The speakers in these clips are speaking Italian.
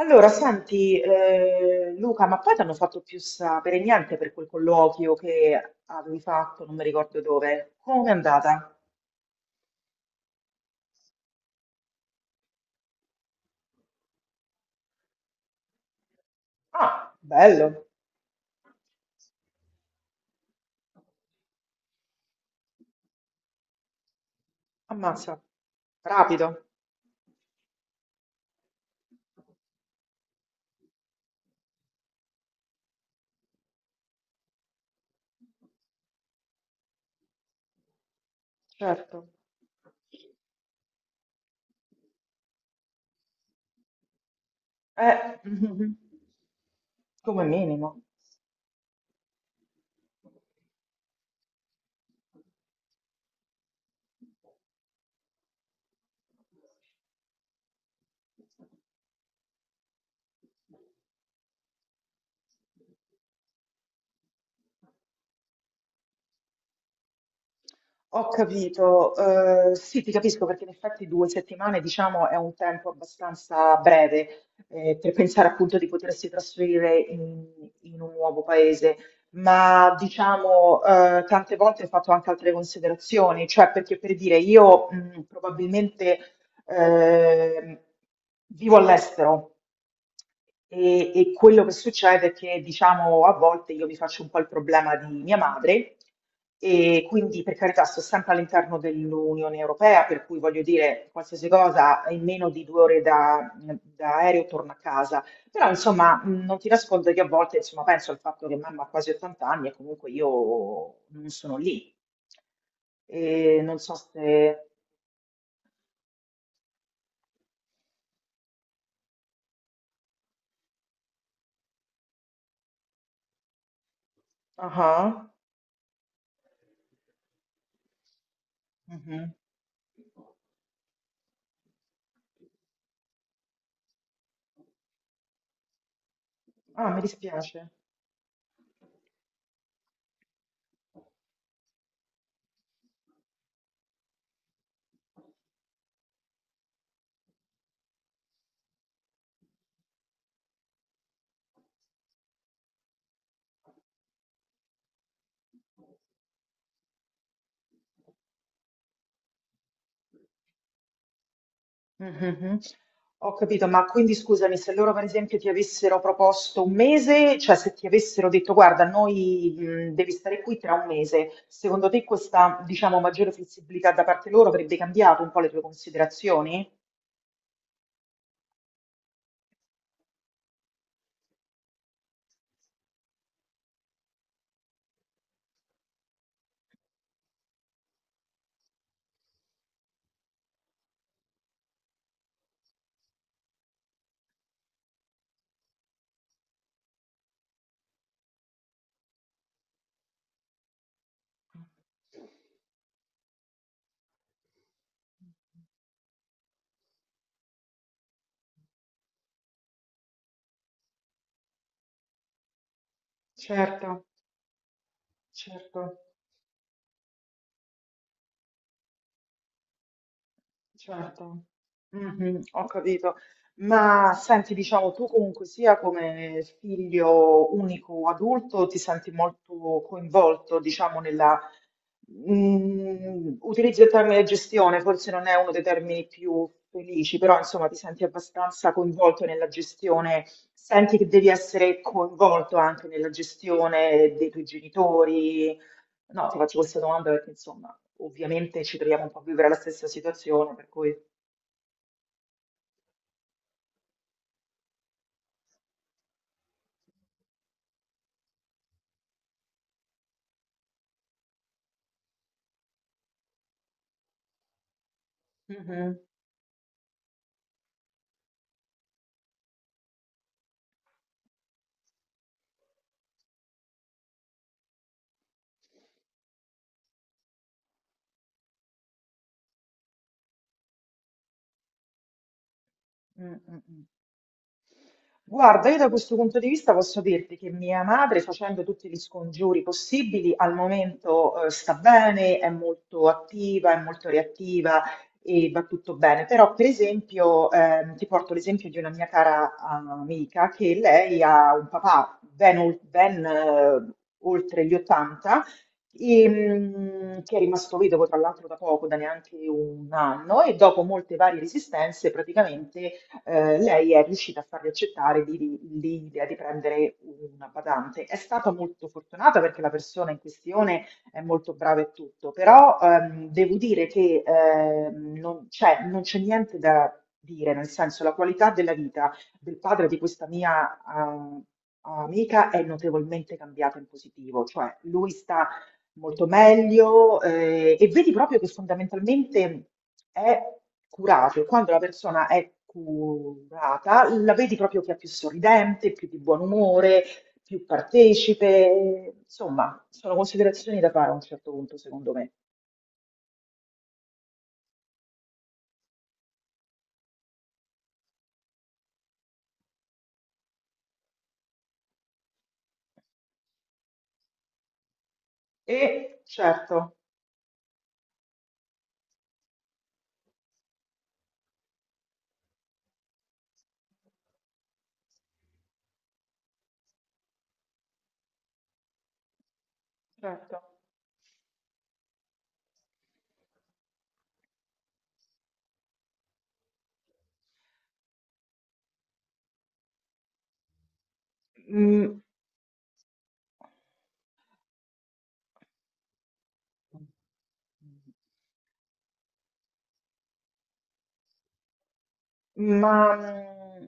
Allora, senti, Luca, ma poi ti hanno fatto più sapere niente per quel colloquio che avevi fatto, non mi ricordo dove. Come è andata? Ah, bello. Ammazza. Rapido. Certo. Eh, come minimo. Ho capito, sì, ti capisco perché in effetti due settimane, diciamo, è un tempo abbastanza breve per pensare appunto di potersi trasferire in un nuovo paese, ma diciamo, tante volte ho fatto anche altre considerazioni, cioè perché per dire io probabilmente Ehm, vivo all'estero e quello che succede è che, diciamo, a volte io mi faccio un po' il problema di mia madre e quindi, per carità, sto sempre all'interno dell'Unione Europea, per cui voglio dire, qualsiasi cosa in meno di due ore da aereo torno a casa. Però, insomma, non ti nascondo che a volte, insomma, penso al fatto che mamma ha quasi 80 anni e comunque io non sono lì. E non so se... Ah, ah, mhm. Ah, mi dispiace. Mhm. Ho capito, ma quindi scusami, se loro per esempio ti avessero proposto un mese, cioè se ti avessero detto guarda, noi devi stare qui tra un mese, secondo te questa, diciamo, maggiore flessibilità da parte loro avrebbe cambiato un po' le tue considerazioni? Certo, certo. Certo, mhm, ho capito. Ma senti, diciamo, tu comunque sia come figlio unico o adulto ti senti molto coinvolto, diciamo, nella... Mm, utilizzo il termine gestione, forse non è uno dei termini più felici, però insomma ti senti abbastanza coinvolto nella gestione, senti che devi essere coinvolto anche nella gestione dei tuoi genitori. No, ti faccio questa domanda perché insomma, ovviamente ci troviamo un po' a vivere la stessa situazione, per cui... Mhm, mm, mm, mm. Guarda, io da questo punto di vista posso dirti che mia madre, facendo tutti gli scongiuri possibili, al momento, sta bene, è molto attiva, è molto reattiva e va tutto bene. Però, per esempio, ti porto l'esempio di una mia cara amica che lei ha un papà ben oltre gli 80 e, mm, che è rimasto vedovo tra l'altro da poco, da neanche un anno, e dopo molte varie resistenze praticamente lei è riuscita a fargli accettare l'idea di prendere una badante. È stata molto fortunata perché la persona in questione è molto brava e tutto, però devo dire che non c'è niente da dire, nel senso la qualità della vita del padre di questa mia... ah, amica è notevolmente cambiata in positivo, cioè lui sta molto meglio, e vedi proprio che fondamentalmente è curato. Quando la persona è curata, la vedi proprio che è più sorridente, più di buon umore, più partecipe. Insomma, sono considerazioni da fare a un certo punto, secondo me. E certo, certo. Mm, ma mm,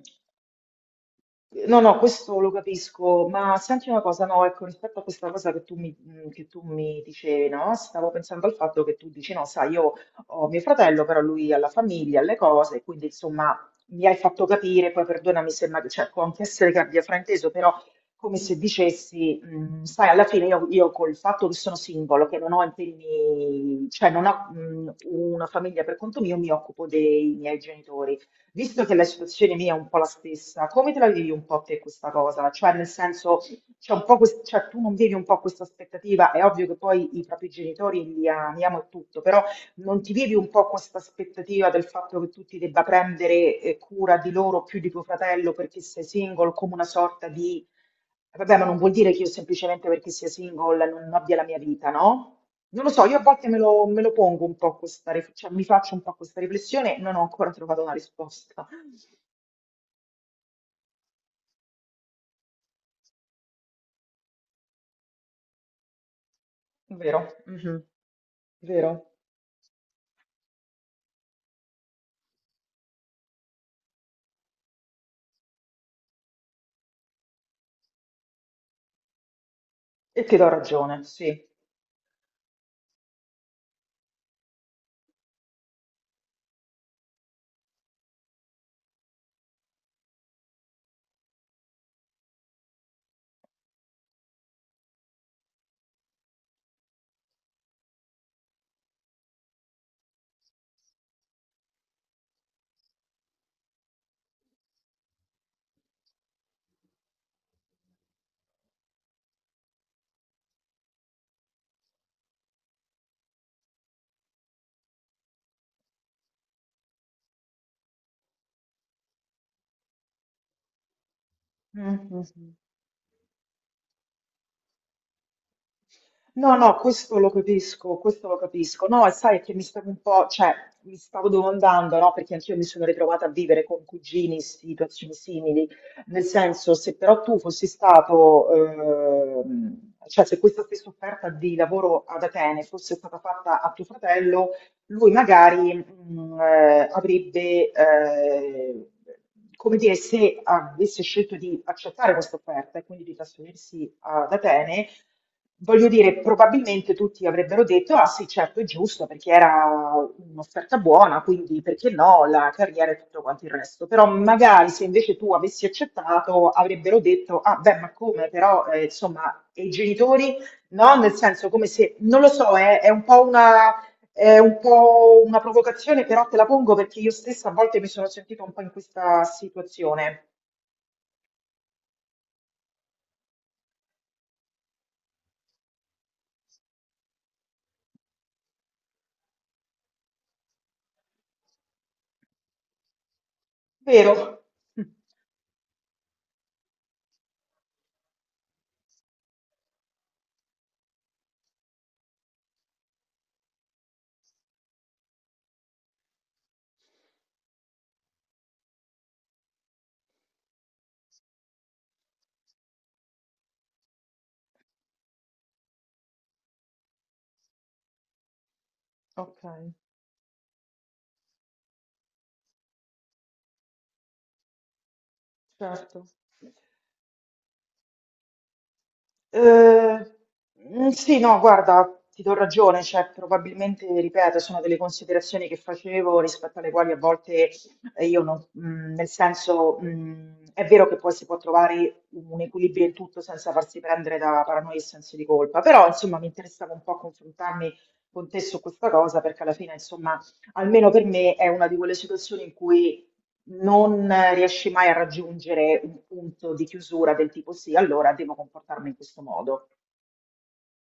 no, no, questo lo capisco, ma senti una cosa, no, ecco, rispetto a questa cosa che che tu mi dicevi, no? Stavo pensando al fatto che tu dici, no, sai, io ho mio fratello, però lui ha la famiglia, ha le cose, quindi insomma mi hai fatto capire, poi perdonami se magari, cioè, può anche essere che abbia frainteso, però come se dicessi, mm, sai, alla fine io col fatto che sono singolo, che non ho impegni, cioè non ho mm, una famiglia per conto mio, mi occupo dei miei genitori. Visto che la situazione mia è un po' la stessa, come te la vivi un po' te questa cosa? Cioè, nel senso, c'è un po' quest- cioè, tu non vivi un po' questa aspettativa, è ovvio che poi i propri genitori li amiamo e tutto, però non ti vivi un po' questa aspettativa del fatto che tu ti debba prendere cura di loro più di tuo fratello perché sei single, come una sorta di... Vabbè, ma non vuol dire che io semplicemente perché sia single non abbia la mia vita, no? Non lo so, io a volte me lo pongo un po' cioè mi faccio un po' questa riflessione, non ho ancora trovato una risposta. Vero, mhm, vero. E ti do ragione, sì. Mhm. No, no, questo lo capisco, questo lo capisco. No, e sai che mi stavo un po', cioè, mi stavo domandando, no, perché anch'io mi sono ritrovata a vivere con cugini situazioni simili, nel senso, se però tu fossi stato, cioè, se questa stessa offerta di lavoro ad Atene fosse stata fatta a tuo fratello, lui magari, avrebbe, come dire, se avesse scelto di accettare questa offerta e quindi di trasferirsi ad Atene, voglio dire, probabilmente tutti avrebbero detto: "Ah sì, certo, è giusto perché era un'offerta buona, quindi perché no, la carriera e tutto quanto il resto". Però magari se invece tu avessi accettato avrebbero detto: "Ah beh, ma come però, insomma, e i genitori?" No, nel senso come se non lo so, è un po' una è un po' una provocazione, però te la pongo perché io stessa a volte mi sono sentita un po' in questa situazione. Vero? Mh. Okay, certo. Eh, mm, sì, no, guarda, ti do ragione, cioè probabilmente, ripeto, sono delle considerazioni che facevo rispetto alle quali a volte io non, mm, nel senso, mm, è vero che poi si può trovare un equilibrio in tutto senza farsi prendere da paranoia e senso di colpa, però insomma mi interessava un po' confrontarmi con te su questa cosa perché alla fine, insomma, almeno per me è una di quelle situazioni in cui non riesci mai a raggiungere un punto di chiusura del tipo sì, allora devo comportarmi in questo modo.